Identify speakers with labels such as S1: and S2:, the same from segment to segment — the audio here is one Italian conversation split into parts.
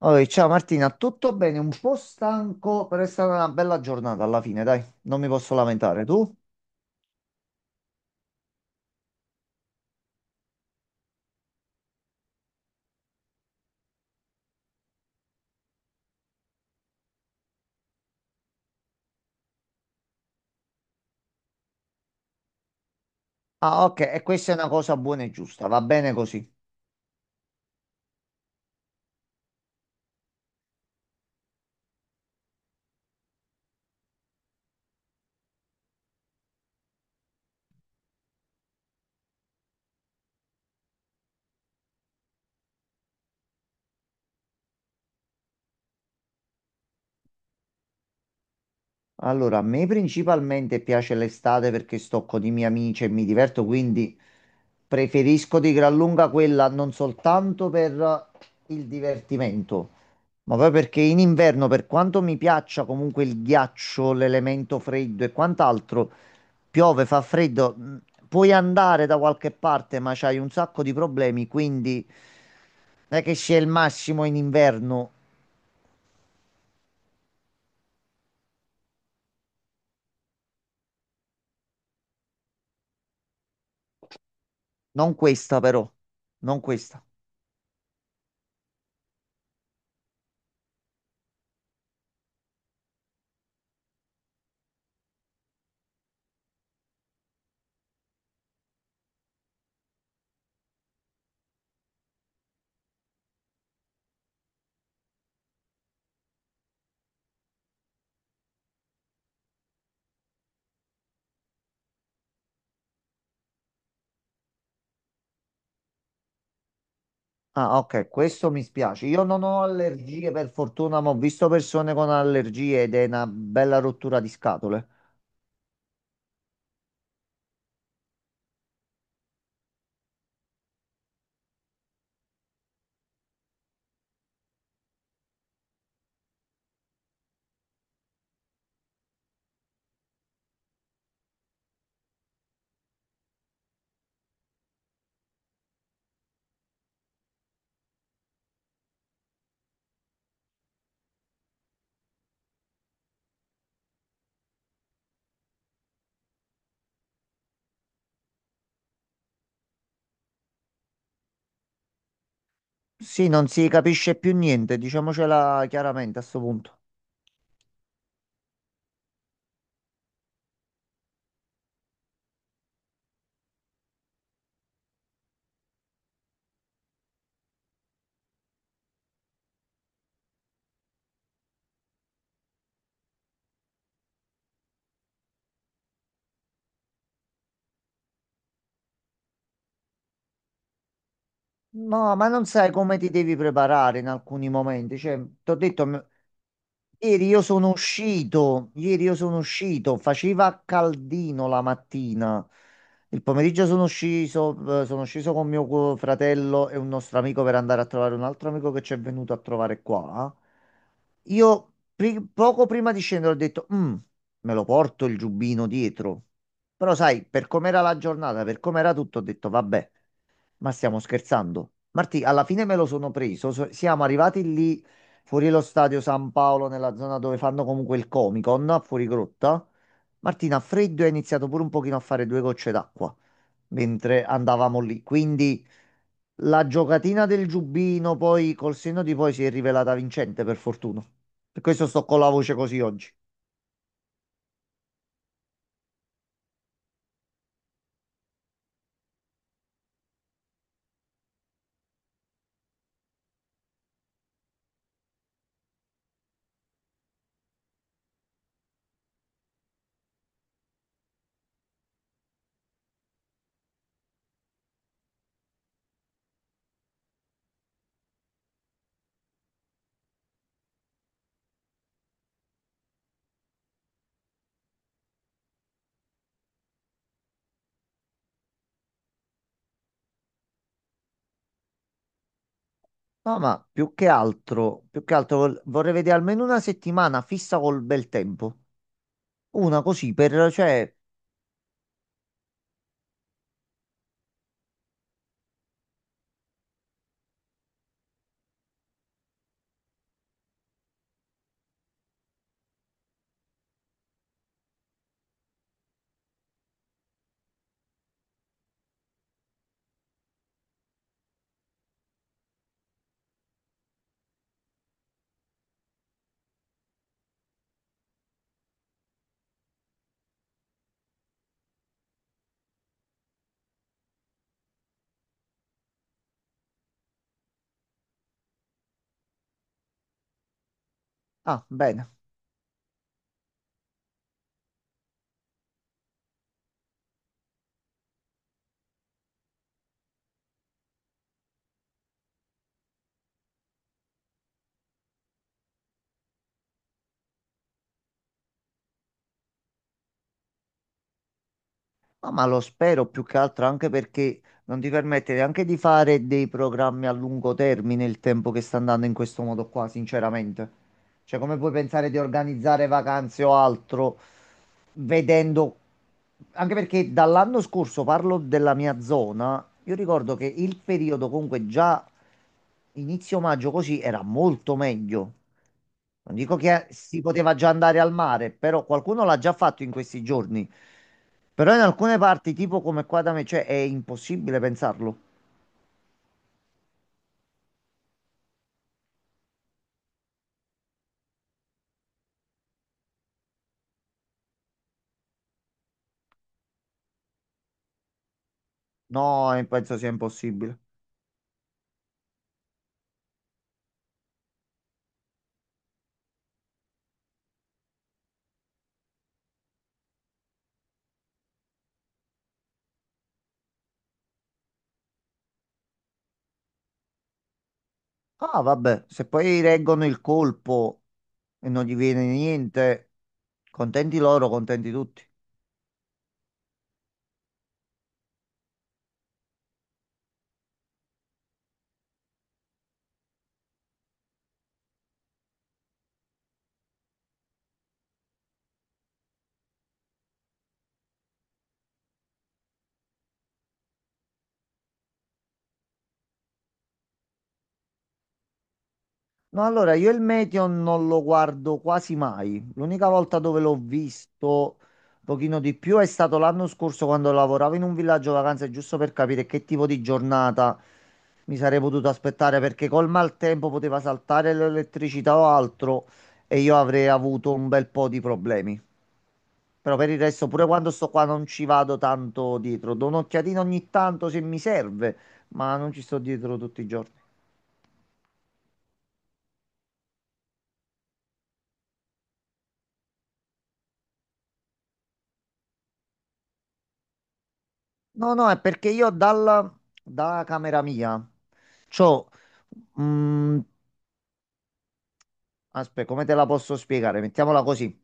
S1: Oi, ciao Martina, tutto bene? Un po' stanco, però è stata una bella giornata alla fine, dai, non mi posso lamentare. Tu? Ah, ok, e questa è una cosa buona e giusta, va bene così. Allora, a me principalmente piace l'estate perché sto con i miei amici e mi diverto, quindi preferisco di gran lunga quella non soltanto per il divertimento, ma poi perché in inverno, per quanto mi piaccia comunque il ghiaccio, l'elemento freddo e quant'altro, piove, fa freddo, puoi andare da qualche parte, ma c'hai un sacco di problemi, quindi non è che sia il massimo in inverno. Non questa però, non questa. Ah, ok, questo mi spiace. Io non ho allergie per fortuna, ma ho visto persone con allergie ed è una bella rottura di scatole. Sì, non si capisce più niente, diciamocela chiaramente a sto punto. No, ma non sai come ti devi preparare in alcuni momenti. Cioè, ti ho detto, ieri io sono uscito, faceva caldino la mattina. Il pomeriggio sono sceso con mio fratello e un nostro amico per andare a trovare un altro amico che ci è venuto a trovare qua. Poco prima di scendere ho detto, " me lo porto il giubbino dietro. Però sai, per com'era la giornata, per com'era tutto, ho detto, vabbè. Ma stiamo scherzando? Martì, alla fine me lo sono preso. Siamo arrivati lì fuori lo stadio San Paolo, nella zona dove fanno comunque il Comic Con, a fuori grotta. Martina, a freddo, e ha iniziato pure un pochino a fare due gocce d'acqua mentre andavamo lì. Quindi la giocatina del giubbino, poi col senno di poi, si è rivelata vincente, per fortuna. Per questo sto con la voce così oggi. No, ma più che altro vorrei vedere almeno una settimana fissa col bel tempo. Una così per, cioè, ah, bene. No, ma lo spero più che altro anche perché non ti permette neanche di fare dei programmi a lungo termine il tempo che sta andando in questo modo qua, sinceramente. Cioè, come puoi pensare di organizzare vacanze o altro vedendo... Anche perché dall'anno scorso parlo della mia zona, io ricordo che il periodo comunque già inizio maggio così era molto meglio. Non dico che si poteva già andare al mare, però qualcuno l'ha già fatto in questi giorni. Però in alcune parti, tipo come qua da me, cioè, è impossibile pensarlo. No, penso sia impossibile. Ah, vabbè, se poi reggono il colpo e non gli viene niente, contenti loro, contenti tutti. No, allora io il Meteon non lo guardo quasi mai. L'unica volta dove l'ho visto un pochino di più è stato l'anno scorso quando lavoravo in un villaggio vacanze, giusto per capire che tipo di giornata mi sarei potuto aspettare, perché col maltempo poteva saltare l'elettricità o altro e io avrei avuto un bel po' di problemi. Però per il resto, pure quando sto qua non ci vado tanto dietro. Do un'occhiatina ogni tanto se mi serve, ma non ci sto dietro tutti i giorni. No, no, è perché io dalla, da camera mia c'ho... mm, aspetta, come te la posso spiegare? Mettiamola così.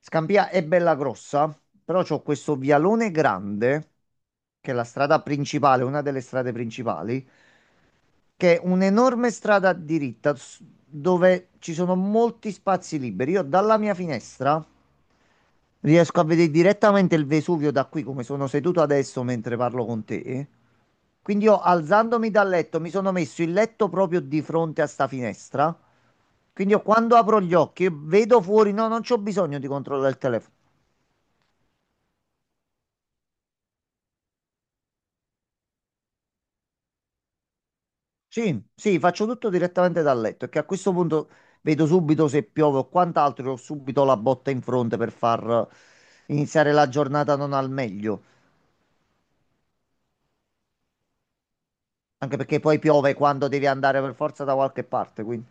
S1: Scampia è bella grossa, però c'ho questo vialone grande, che è la strada principale, una delle strade principali, che è un'enorme strada diritta dove ci sono molti spazi liberi. Io dalla mia finestra riesco a vedere direttamente il Vesuvio da qui, come sono seduto adesso mentre parlo con te. Quindi io alzandomi dal letto mi sono messo il letto proprio di fronte a sta finestra. Quindi io quando apro gli occhi vedo fuori, no, non c'ho bisogno di controllare il telefono. Sì, sì, faccio tutto direttamente dal letto, che a questo punto vedo subito se piove o quant'altro, e ho subito la botta in fronte per far iniziare la giornata non al meglio, anche perché poi piove quando devi andare per forza da qualche parte, quindi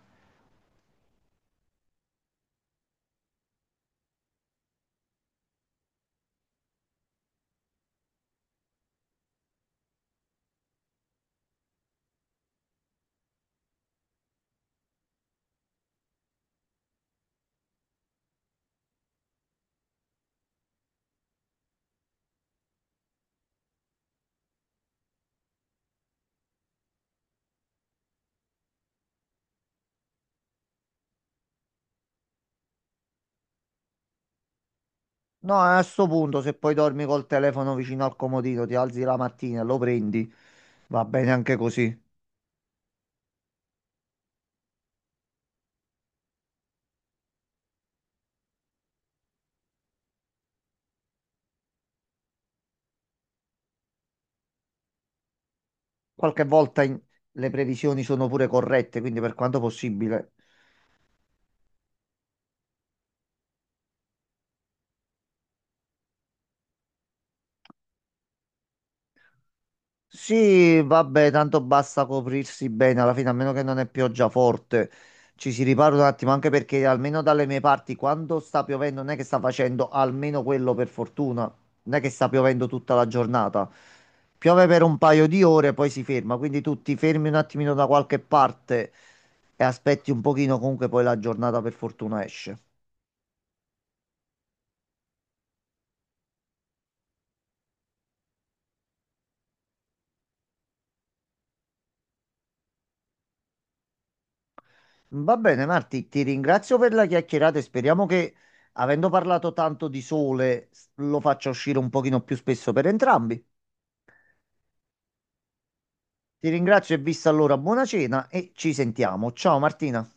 S1: no, a sto punto se poi dormi col telefono vicino al comodino, ti alzi la mattina, e lo prendi, va bene anche così. Qualche volta le previsioni sono pure corrette, quindi per quanto possibile. Sì, vabbè, tanto basta coprirsi bene, alla fine, a meno che non è pioggia forte. Ci si ripara un attimo, anche perché almeno dalle mie parti, quando sta piovendo, non è che sta facendo almeno quello per fortuna, non è che sta piovendo tutta la giornata. Piove per un paio di ore, e poi si ferma, quindi tu ti fermi un attimino da qualche parte e aspetti un pochino, comunque poi la giornata per fortuna esce. Va bene, Marti, ti ringrazio per la chiacchierata e speriamo che, avendo parlato tanto di sole, lo faccia uscire un pochino più spesso per entrambi. Ti ringrazio e vista allora, buona cena e ci sentiamo. Ciao Martina.